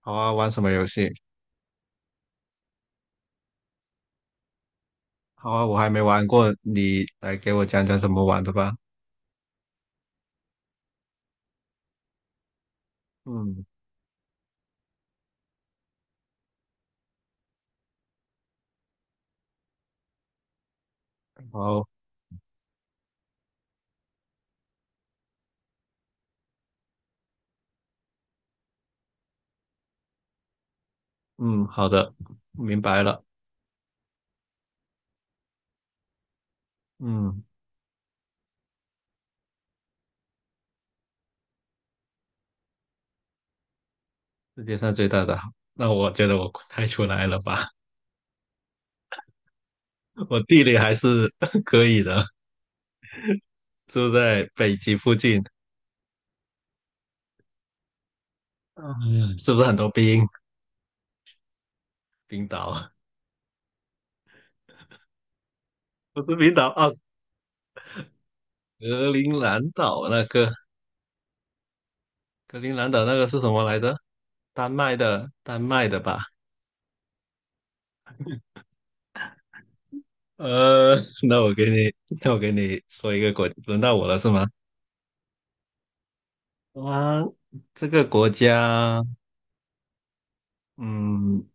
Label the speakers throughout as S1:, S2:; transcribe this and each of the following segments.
S1: 好啊，玩什么游戏？好啊，我还没玩过，你来给我讲讲怎么玩的吧。嗯，好，嗯，好的，明白了。嗯，世界上最大的，那我觉得我猜出来了吧？我地理还是 可以的，住在北极附近。嗯，是不是很多冰？冰岛 不是冰岛啊，格陵兰岛那个，格陵兰岛那个是什么来着？丹麦的，丹麦的吧？呃，那我给你，那我给你说一个国，轮到我了是吗？啊，这个国家，嗯，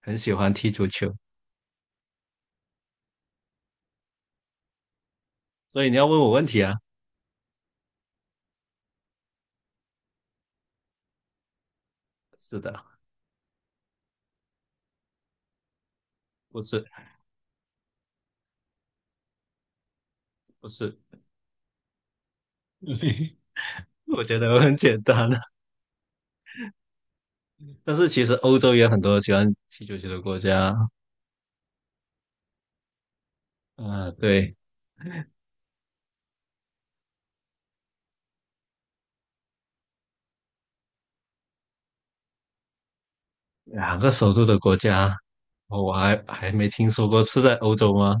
S1: 很喜欢踢足球，所以你要问我问题啊？是的，不是，不是，我觉得我很简单的。但是其实欧洲也有很多喜欢踢足球的国家，嗯、对，两个首都的国家，哦我还没听说过，是在欧洲吗？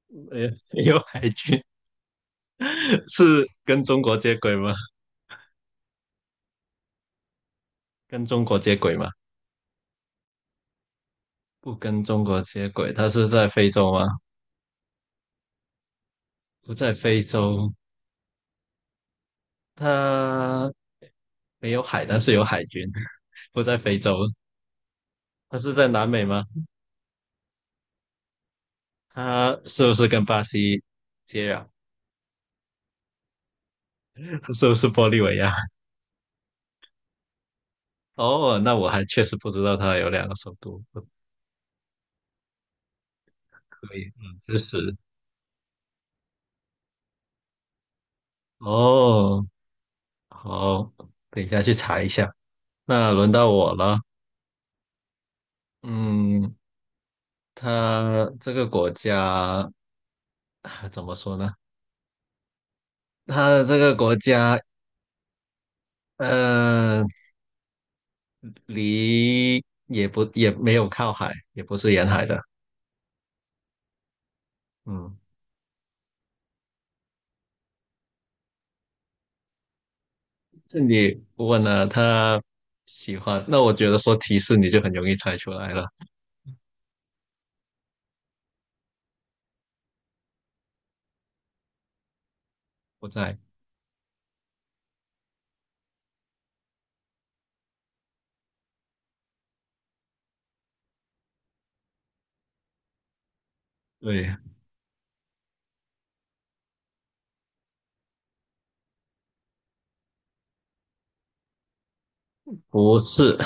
S1: 没有，没有海军，是跟中国接轨吗？跟中国接轨吗？不跟中国接轨，它是在非洲吗？不在非洲，它没有海，但是有海军。不在非洲，它是在南美吗？它是不是跟巴西接壤？是不是玻利维亚？哦，那我还确实不知道它有两个首都。不可以，嗯，知识。哦，好，等一下去查一下。那轮到我了。嗯，它这个国家 啊怎么说呢？它这个国家呃，离也不也没有靠海，也不是沿海的。嗯，这你问了他喜欢，那我觉得说提示你就很容易猜出来了。不在，对，不是。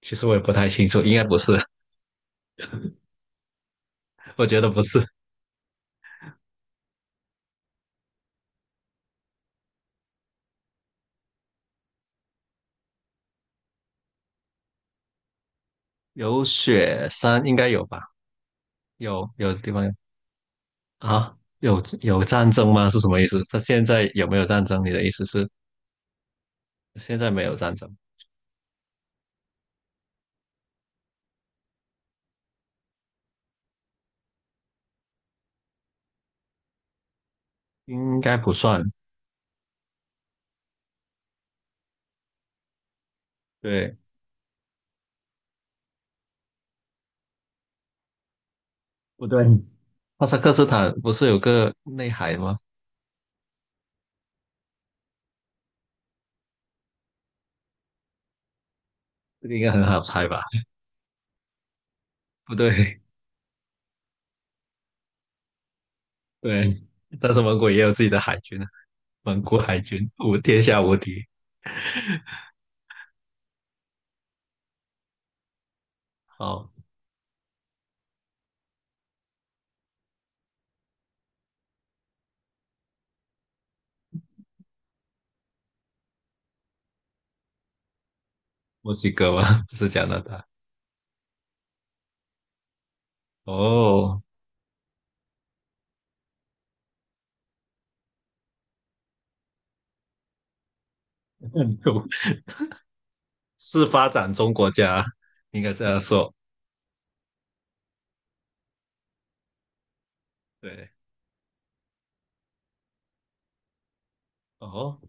S1: 其实我也不太清楚，应该不是，我觉得不是。有雪山应该有吧？有地方有啊？有战争吗？是什么意思？他现在有没有战争？你的意思是现在没有战争？应该不算。对，不对，哈萨克斯坦不是有个内海吗？这个应该很好猜吧？不对，对，但是蒙古也有自己的海军啊，蒙古海军无天下无敌。好，墨西哥吗？不是加拿大。哦，印度是发展中国家，应该这样说。对，哦，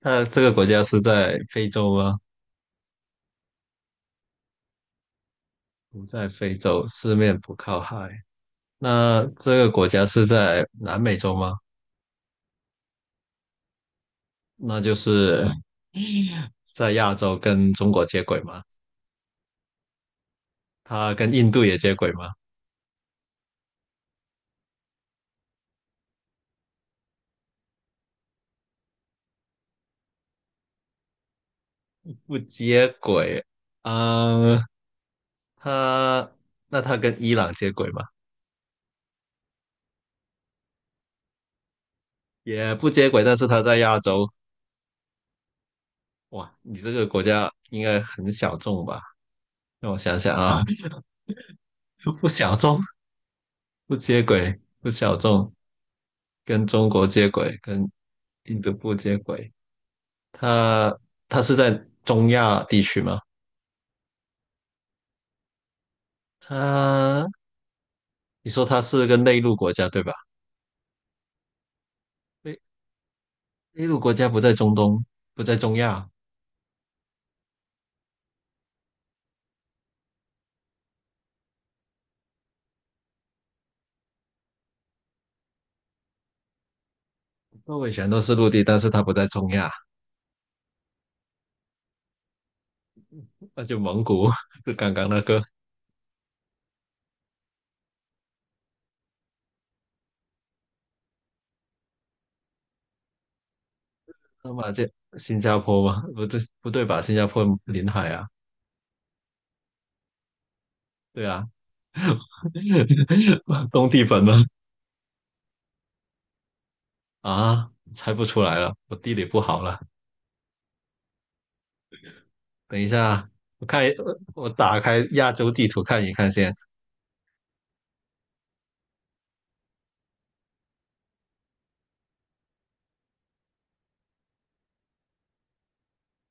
S1: 那这个国家是在非洲吗？不在非洲，四面不靠海。那这个国家是在南美洲吗？那就是在亚洲跟中国接轨吗？它跟印度也接轨吗？不接轨。嗯，它那它跟伊朗接轨吗？也不接轨，但是它在亚洲。哇，你这个国家应该很小众吧？让我想想啊，不小众，不接轨，不小众，跟中国接轨，跟印度不接轨。它它是在中亚地区吗？它你说它是个内陆国家对吧？内内陆国家不在中东，不在中亚，诺维全都是陆地，但是它不在中亚，那就蒙古，就刚刚那个，那马这新加坡吗？不对，不对吧？新加坡临海啊，对啊，东帝汶吗？啊，猜不出来了，我地理不好了。等一下，我看一我打开亚洲地图看一看先。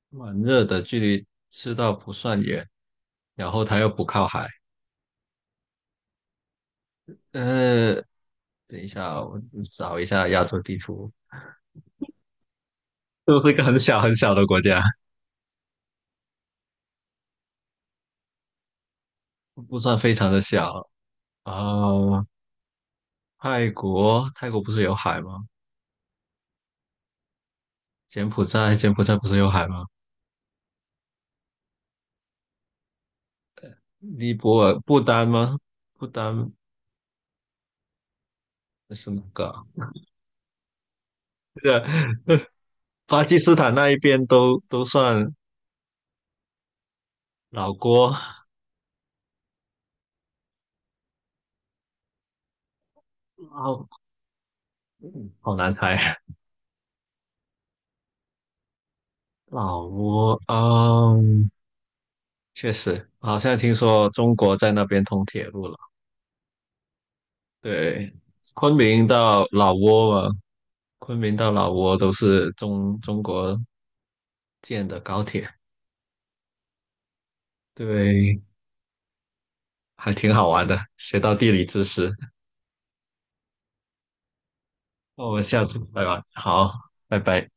S1: 蛮热的，距离赤道不算远，然后它又不靠海。呃，等一下，我找一下亚洲地图。就是一个很小很小的国家，不算非常的小啊。泰国，泰国不是有海吗？柬埔寨，柬埔寨不是有海吗？尼泊尔、不丹吗？不丹是哪个啊？这个巴基斯坦那一边都算老挝，老，嗯好难猜。老挝，嗯，确实，好像听说中国在那边通铁路了。对，昆明到老挝嘛，昆明到老挝都是中国建的高铁，对，还挺好玩的，学到地理知识。那我们下次再玩，好，拜拜。